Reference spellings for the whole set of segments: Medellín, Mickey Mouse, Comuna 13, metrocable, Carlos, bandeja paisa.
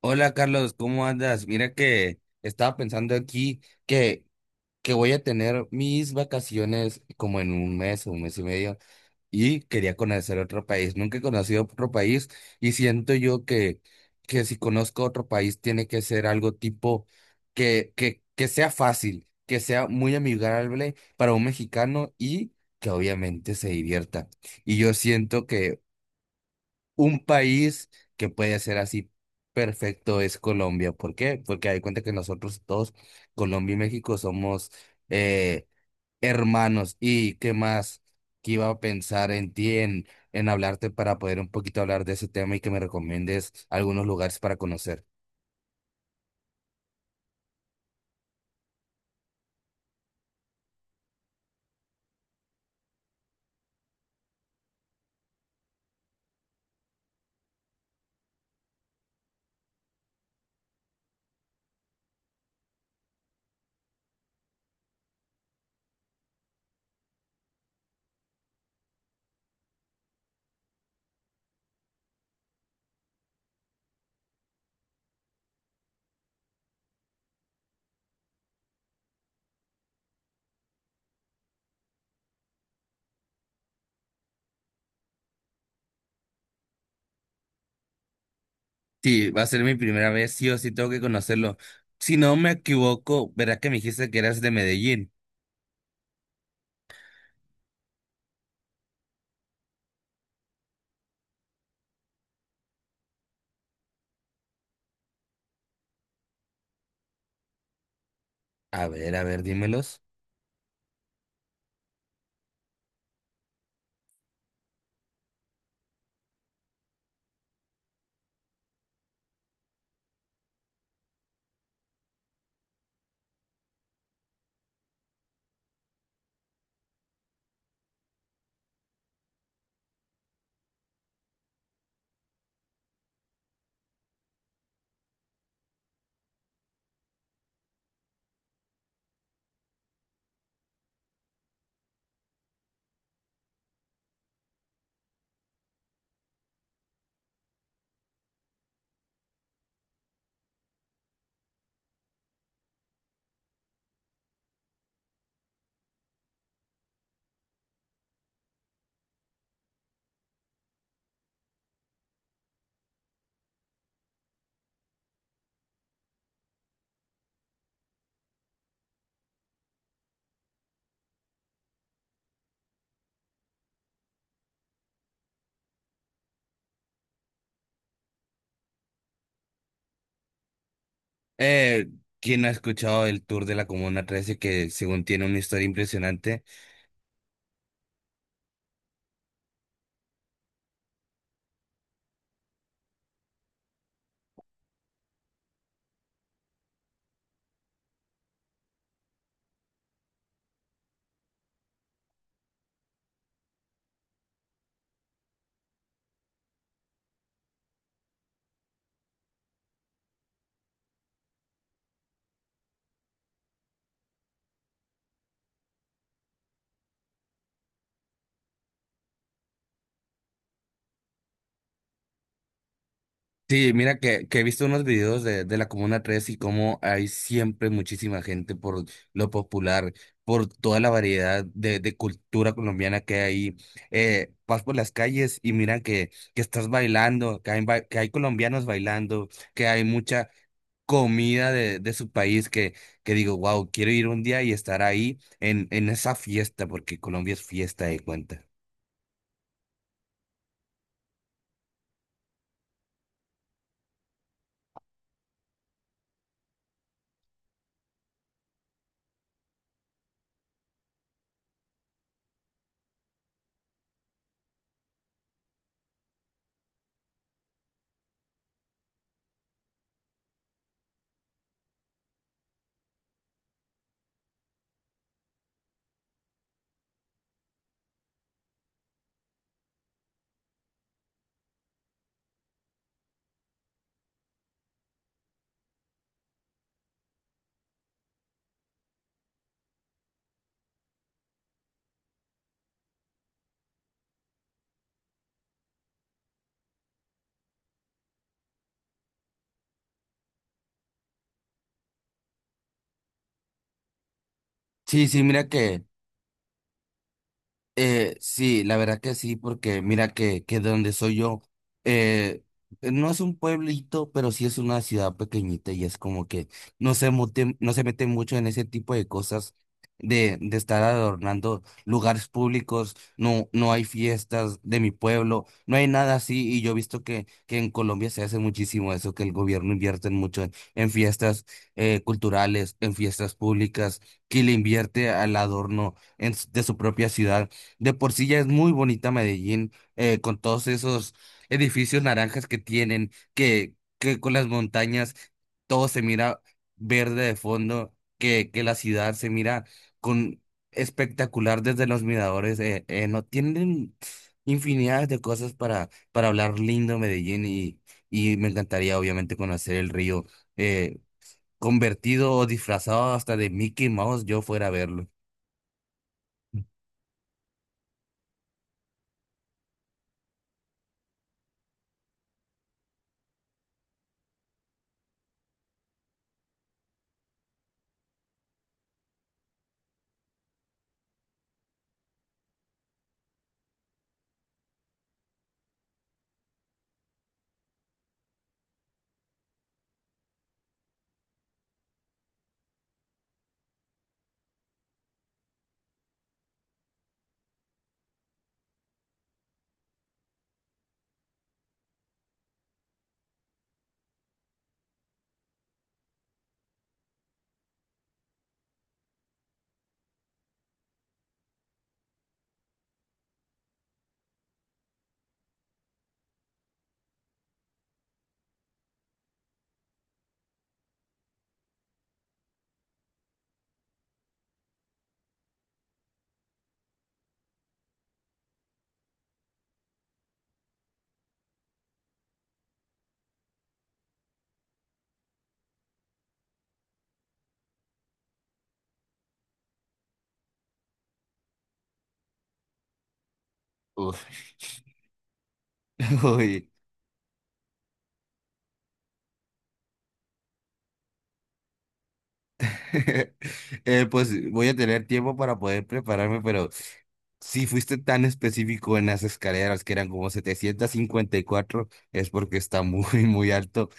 Hola Carlos, ¿cómo andas? Mira que estaba pensando aquí que, que voy a tener mis vacaciones como en un mes o un mes y medio y quería conocer otro país. Nunca he conocido otro país y siento yo que si conozco otro país tiene que ser algo tipo que sea fácil, que sea muy amigable para un mexicano y que obviamente se divierta. Y yo siento que un país que puede ser así perfecto es Colombia. ¿Por qué? Porque hay cuenta que nosotros todos, Colombia y México, somos eh, hermanos. ¿Y qué más? Que iba a pensar en ti, en hablarte para poder un poquito hablar de ese tema y que me recomiendes algunos lugares para conocer. Sí, va a ser mi primera vez, sí o sí tengo que conocerlo. Si no me equivoco, verás que me dijiste que eras de Medellín. A ver, dímelos. Eh, ¿Quién no ha escuchado el tour de la Comuna 13 que según tiene una historia impresionante? Sí, mira que he visto unos videos de la Comuna 13 y cómo hay siempre muchísima gente por lo popular, por toda la variedad de cultura colombiana que hay ahí. Vas por las calles y mira que estás bailando, que hay colombianos bailando, que hay mucha, comida de su país que digo, wow, quiero ir un día y estar ahí en esa fiesta, porque Colombia es fiesta de cuenta. Sí, sí, mira que, sí, la verdad que sí, porque mira que de donde soy yo, eh, no es un pueblito, pero sí es una ciudad pequeñita y es como que no se mete, no se mete mucho en ese tipo de cosas de estar adornando lugares públicos, no, no hay fiestas de mi pueblo, no hay nada así y yo he visto que en Colombia se hace muchísimo eso, que el gobierno invierte mucho en fiestas culturales, en fiestas públicas, que le invierte al adorno en de su propia ciudad. De por sí ya es muy bonita Medellín, con todos esos edificios naranjas que tienen, que con las montañas todo se mira verde de fondo, que la ciudad se mira con espectacular desde los miradores. No tienen infinidad de cosas para hablar lindo Medellín y me encantaría obviamente conocer el río, eh, convertido o disfrazado hasta de Mickey Mouse, yo fuera a verlo. Uf, Uy. Pues voy a tener tiempo para poder prepararme, pero si fuiste tan específico en las escaleras que eran como 754 es porque está muy, muy alto.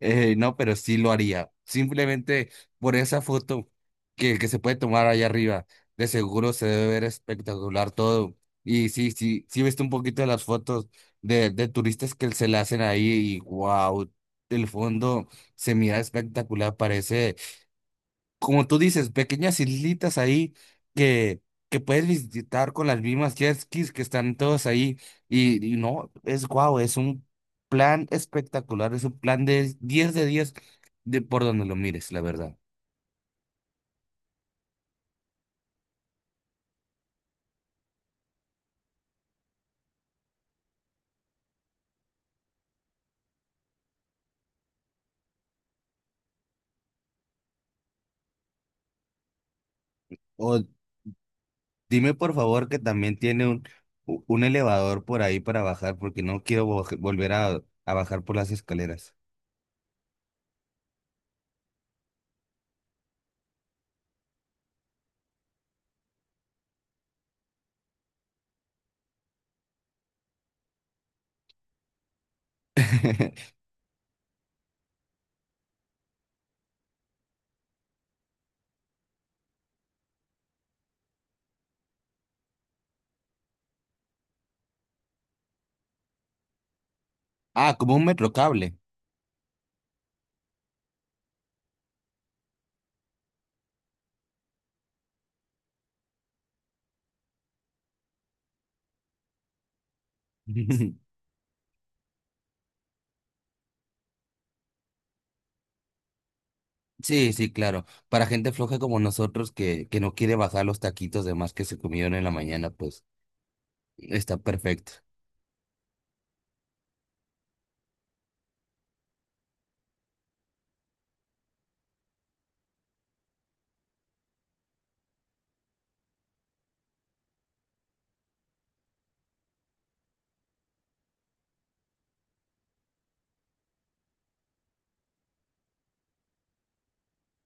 No, pero sí lo haría. Simplemente por esa foto que se puede tomar allá arriba, de seguro se debe ver espectacular todo. Y sí, sí, sí viste un poquito de las fotos de turistas que se la hacen ahí y wow, el fondo se mira espectacular, parece como tú dices, pequeñas islitas ahí que, que puedes visitar con las mismas jet skis que están todos ahí. Y no, es guau, es un plan espectacular, es un plan de 10 de 10 de por donde lo mires, la verdad. O dime por favor que también tiene un, un elevador por ahí para bajar, porque no quiero volver a bajar por las escaleras. Ah, como un metrocable. Sí, sí, claro. Para gente floja como nosotros que no quiere bajar los taquitos de más que se comieron en la mañana, pues está perfecto.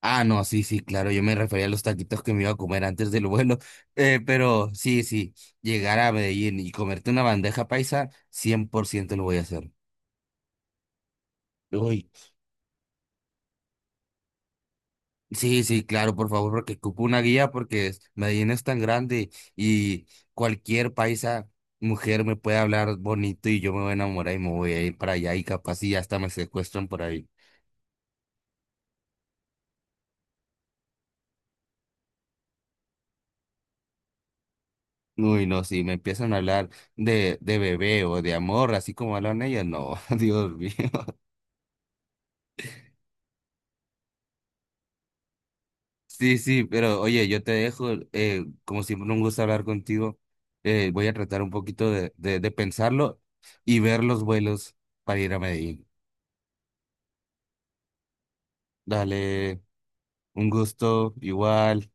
Ah, no, sí, sí, claro. Yo me refería a los taquitos que me iba a comer antes del vuelo. Pero sí, sí, llegar a Medellín y comerte una bandeja paisa, 100% lo voy a hacer. Uy. Sí, sí, claro, por favor, porque ocupo una guía porque Medellín es tan grande y cualquier paisa mujer me puede hablar bonito y yo me voy a enamorar y me voy a ir para allá y capaz y hasta me secuestran por ahí. Uy, no, si me empiezan a hablar de bebé o de amor, así como hablan ellas, no, Dios mío. Sí, sí, pero oye, yo te dejo, como siempre un gusto hablar contigo, voy a tratar un poquito de pensarlo y ver los vuelos para ir a Medellín. Dale. Un gusto igual.